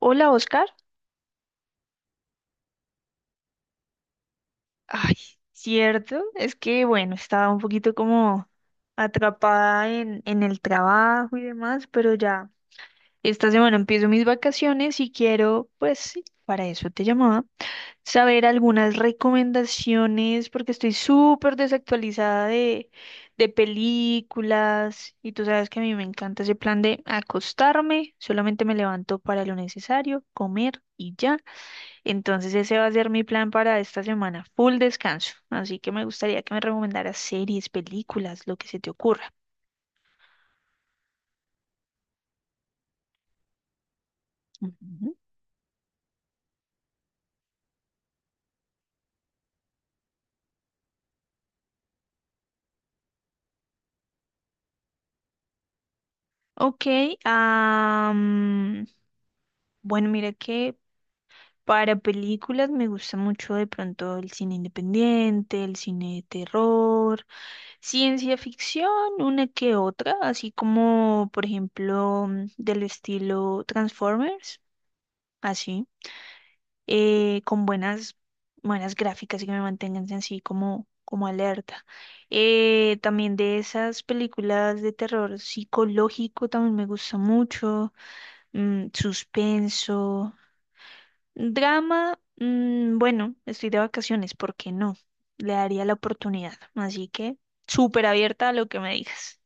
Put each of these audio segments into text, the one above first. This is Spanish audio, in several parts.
Hola, Oscar. Ay, cierto, es que bueno, estaba un poquito como atrapada en el trabajo y demás, pero ya esta semana empiezo mis vacaciones y quiero, pues sí, para eso te llamaba, saber algunas recomendaciones porque estoy súper desactualizada de películas y tú sabes que a mí me encanta ese plan de acostarme, solamente me levanto para lo necesario, comer y ya. Entonces ese va a ser mi plan para esta semana, full descanso. Así que me gustaría que me recomendaras series, películas, lo que se te ocurra. Ujú. Ok, am, bueno, mira que para películas me gusta mucho de pronto el cine independiente, el cine de terror, ciencia ficción, una que otra, así como por ejemplo del estilo Transformers, así. Con buenas, buenas gráficas y que me mantengan así como, como alerta. También de esas películas de terror psicológico también me gusta mucho, suspenso, drama, mm, bueno, estoy de vacaciones, ¿por qué no? Le daría la oportunidad, así que súper abierta a lo que me digas.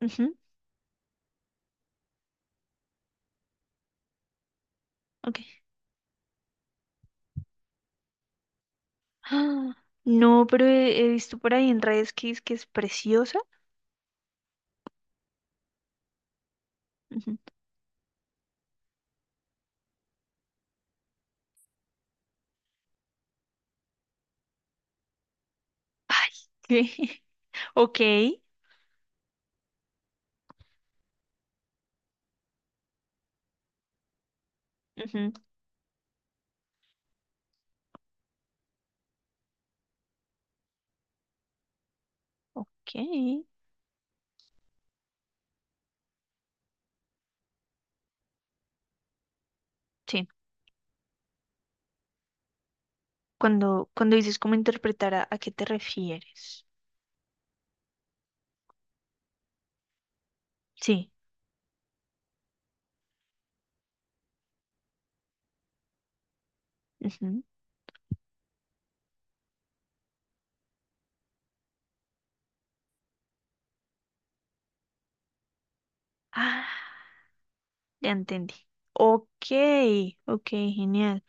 Ujú, ok. Ah, no, pero he visto por ahí en redes que es preciosa. Ujú. Ay, ¿qué? Ok. Ujú. Ok, sí. Cuando dices cómo interpretar, ¿a qué te refieres? Sí. Ujú. Ah, ya entendí. Ok, ok, genial.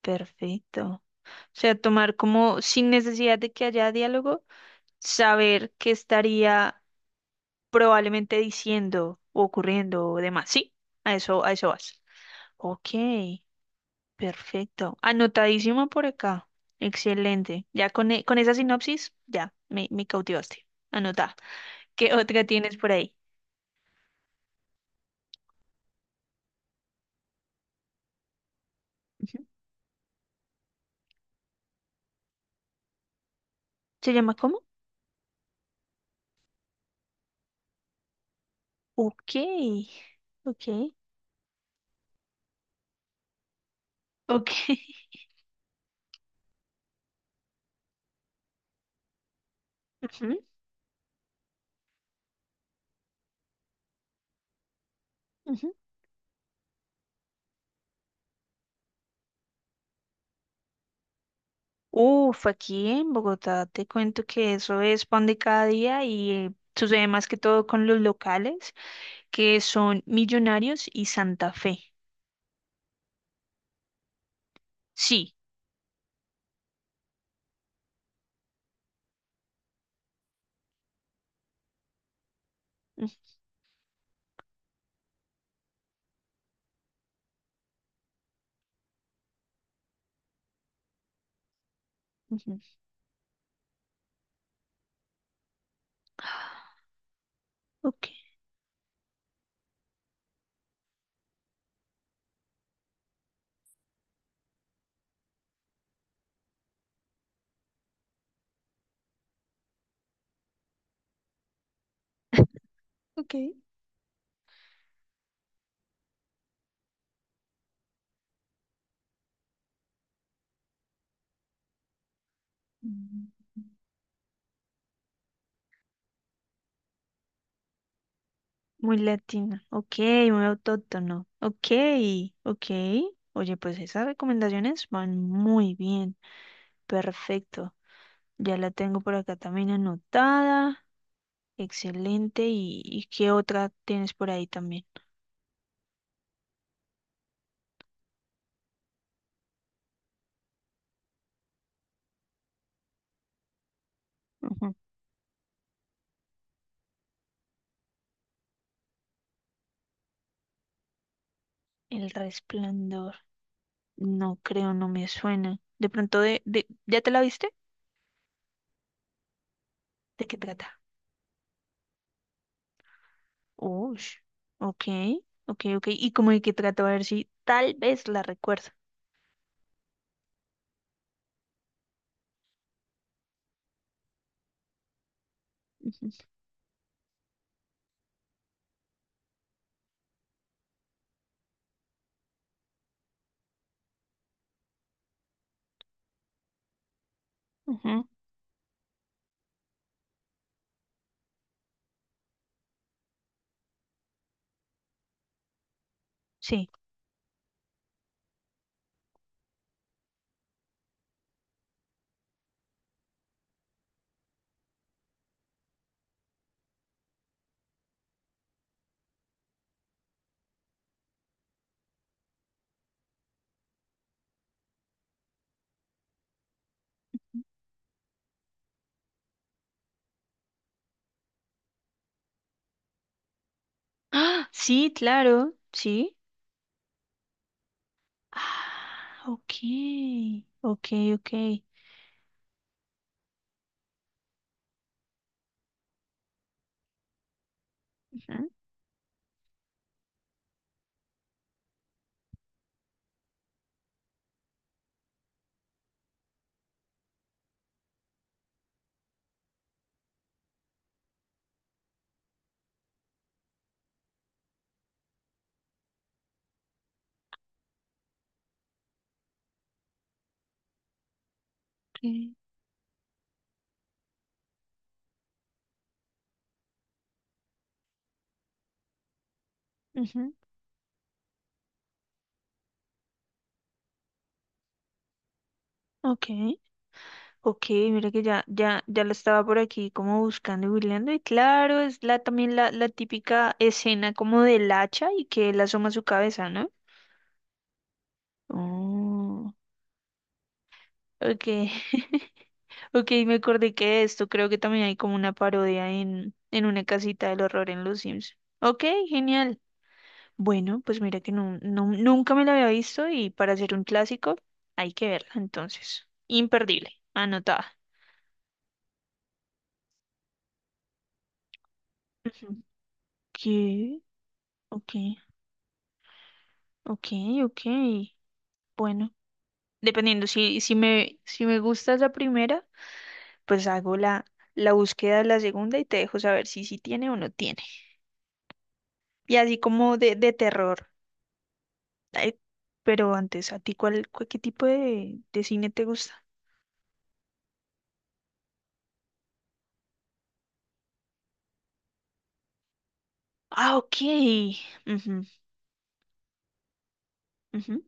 Perfecto. O sea, tomar como sin necesidad de que haya diálogo, saber qué estaría probablemente diciendo, o ocurriendo o demás. Sí, a eso vas. Ok. Perfecto. Anotadísimo por acá. Excelente. Ya con esa sinopsis, ya, me cautivaste. Anota. ¿Qué otra tienes por ahí? Ujú. ¿Se llama cómo? Ok, ok, ok. Ujú, ujú. Uf, aquí en Bogotá te cuento que eso es pan de cada día y sucede más que todo con los locales, que son Millonarios y Santa Fe. Sí. Ujú, ujú. Ok, ok. Mm. Muy latina. Ok, muy autóctono. Ok, ok. Oye, pues esas recomendaciones van muy bien. Perfecto. Ya la tengo por acá también anotada. Excelente. ¿Y qué otra tienes por ahí también? Ujú. El resplandor. No creo, no me suena. De pronto ¿ya te la viste? ¿De qué trata? Uy. Ok, ok, ok. ¿Y cómo de qué trata? A ver si tal vez la recuerdo. Ujú, ujú. Sí. Ah, sí, claro, sí. Ah, ok, ok, ok. Ujú. Okay. Ujú. Ok, ok, mira que ya la estaba por aquí como buscando y googleando. Y claro, es la también la típica escena como del hacha y que él asoma su cabeza, ¿no? Oh, ok. Ok, me acordé que de esto creo que también hay como una parodia en una casita del horror en Los Sims. Ok, genial. Bueno, pues mira que nunca me la había visto y para hacer un clásico hay que verla, entonces. Imperdible, anotada. Ujú. ¿Qué? Ok, ok, ok. Bueno, dependiendo, si me gusta la primera, pues hago la búsqueda de la segunda y te dejo saber si sí tiene o no tiene. Y así como de terror. Ay, pero antes, ¿a ti qué tipo de cine te gusta? Ah, ok. Ujú, ujú.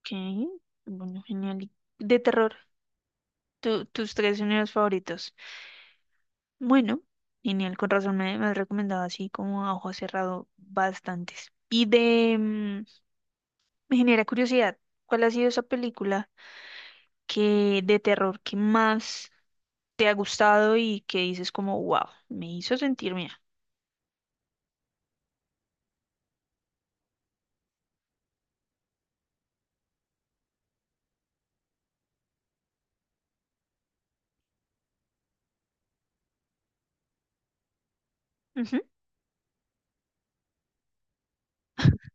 Ok, bueno, genial. Y de terror, tus tres géneros favoritos. Bueno, genial, con razón me has recomendado así como a ojo cerrado bastantes. Y de, mm, me genera curiosidad, ¿cuál ha sido esa película que de terror que más te ha gustado y que dices como, wow, me hizo sentir mía? Ujú.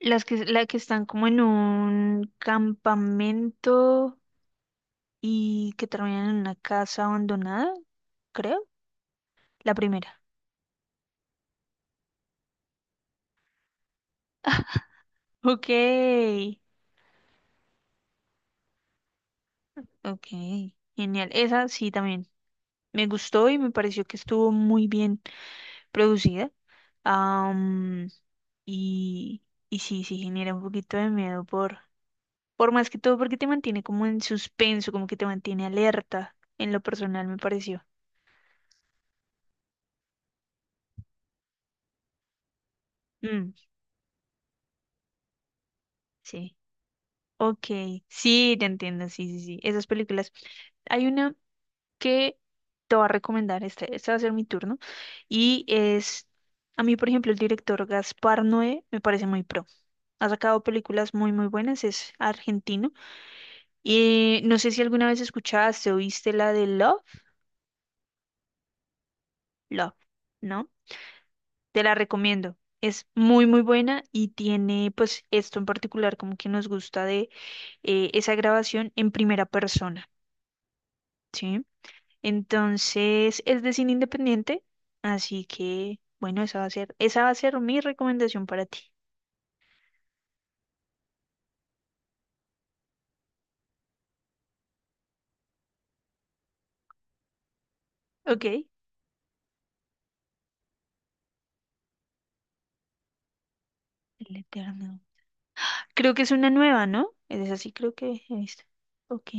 Las que, la que están como en un campamento y que terminan en una casa abandonada, creo. La primera. Ok, ok, genial. Esa sí también me gustó y me pareció que estuvo muy bien producida. Am, y, y sí, sí genera un poquito de miedo por más que todo porque te mantiene como en suspenso, como que te mantiene alerta. En lo personal me pareció. Mm, sí. Ok, sí, te entiendo, sí, sí, sí. Esas películas. Hay una que te va a recomendar. Este va a ser mi turno. Y es, a mí, por ejemplo, el director Gaspar Noé me parece muy pro. Ha sacado películas muy, muy buenas. Es argentino. Y no sé si alguna vez escuchaste o viste la de Love. Love, ¿no? Te la recomiendo. Es muy, muy buena y tiene, pues, esto en particular, como que nos gusta de esa grabación en primera persona. ¿Sí? Entonces, es de cine independiente, así que, bueno, esa va a ser mi recomendación para ti. Ok. El Eterno. Creo que es una nueva, ¿no? Es así, creo que he visto. Ok.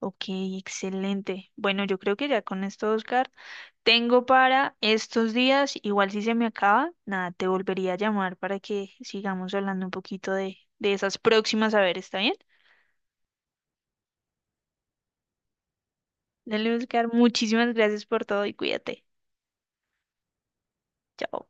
Ok, excelente. Bueno, yo creo que ya con esto, Oscar, tengo para estos días, igual si se me acaba, nada, te volvería a llamar para que sigamos hablando un poquito de esas próximas, a ver, ¿está bien? Dale, Oscar, muchísimas gracias por todo y cuídate. Chao.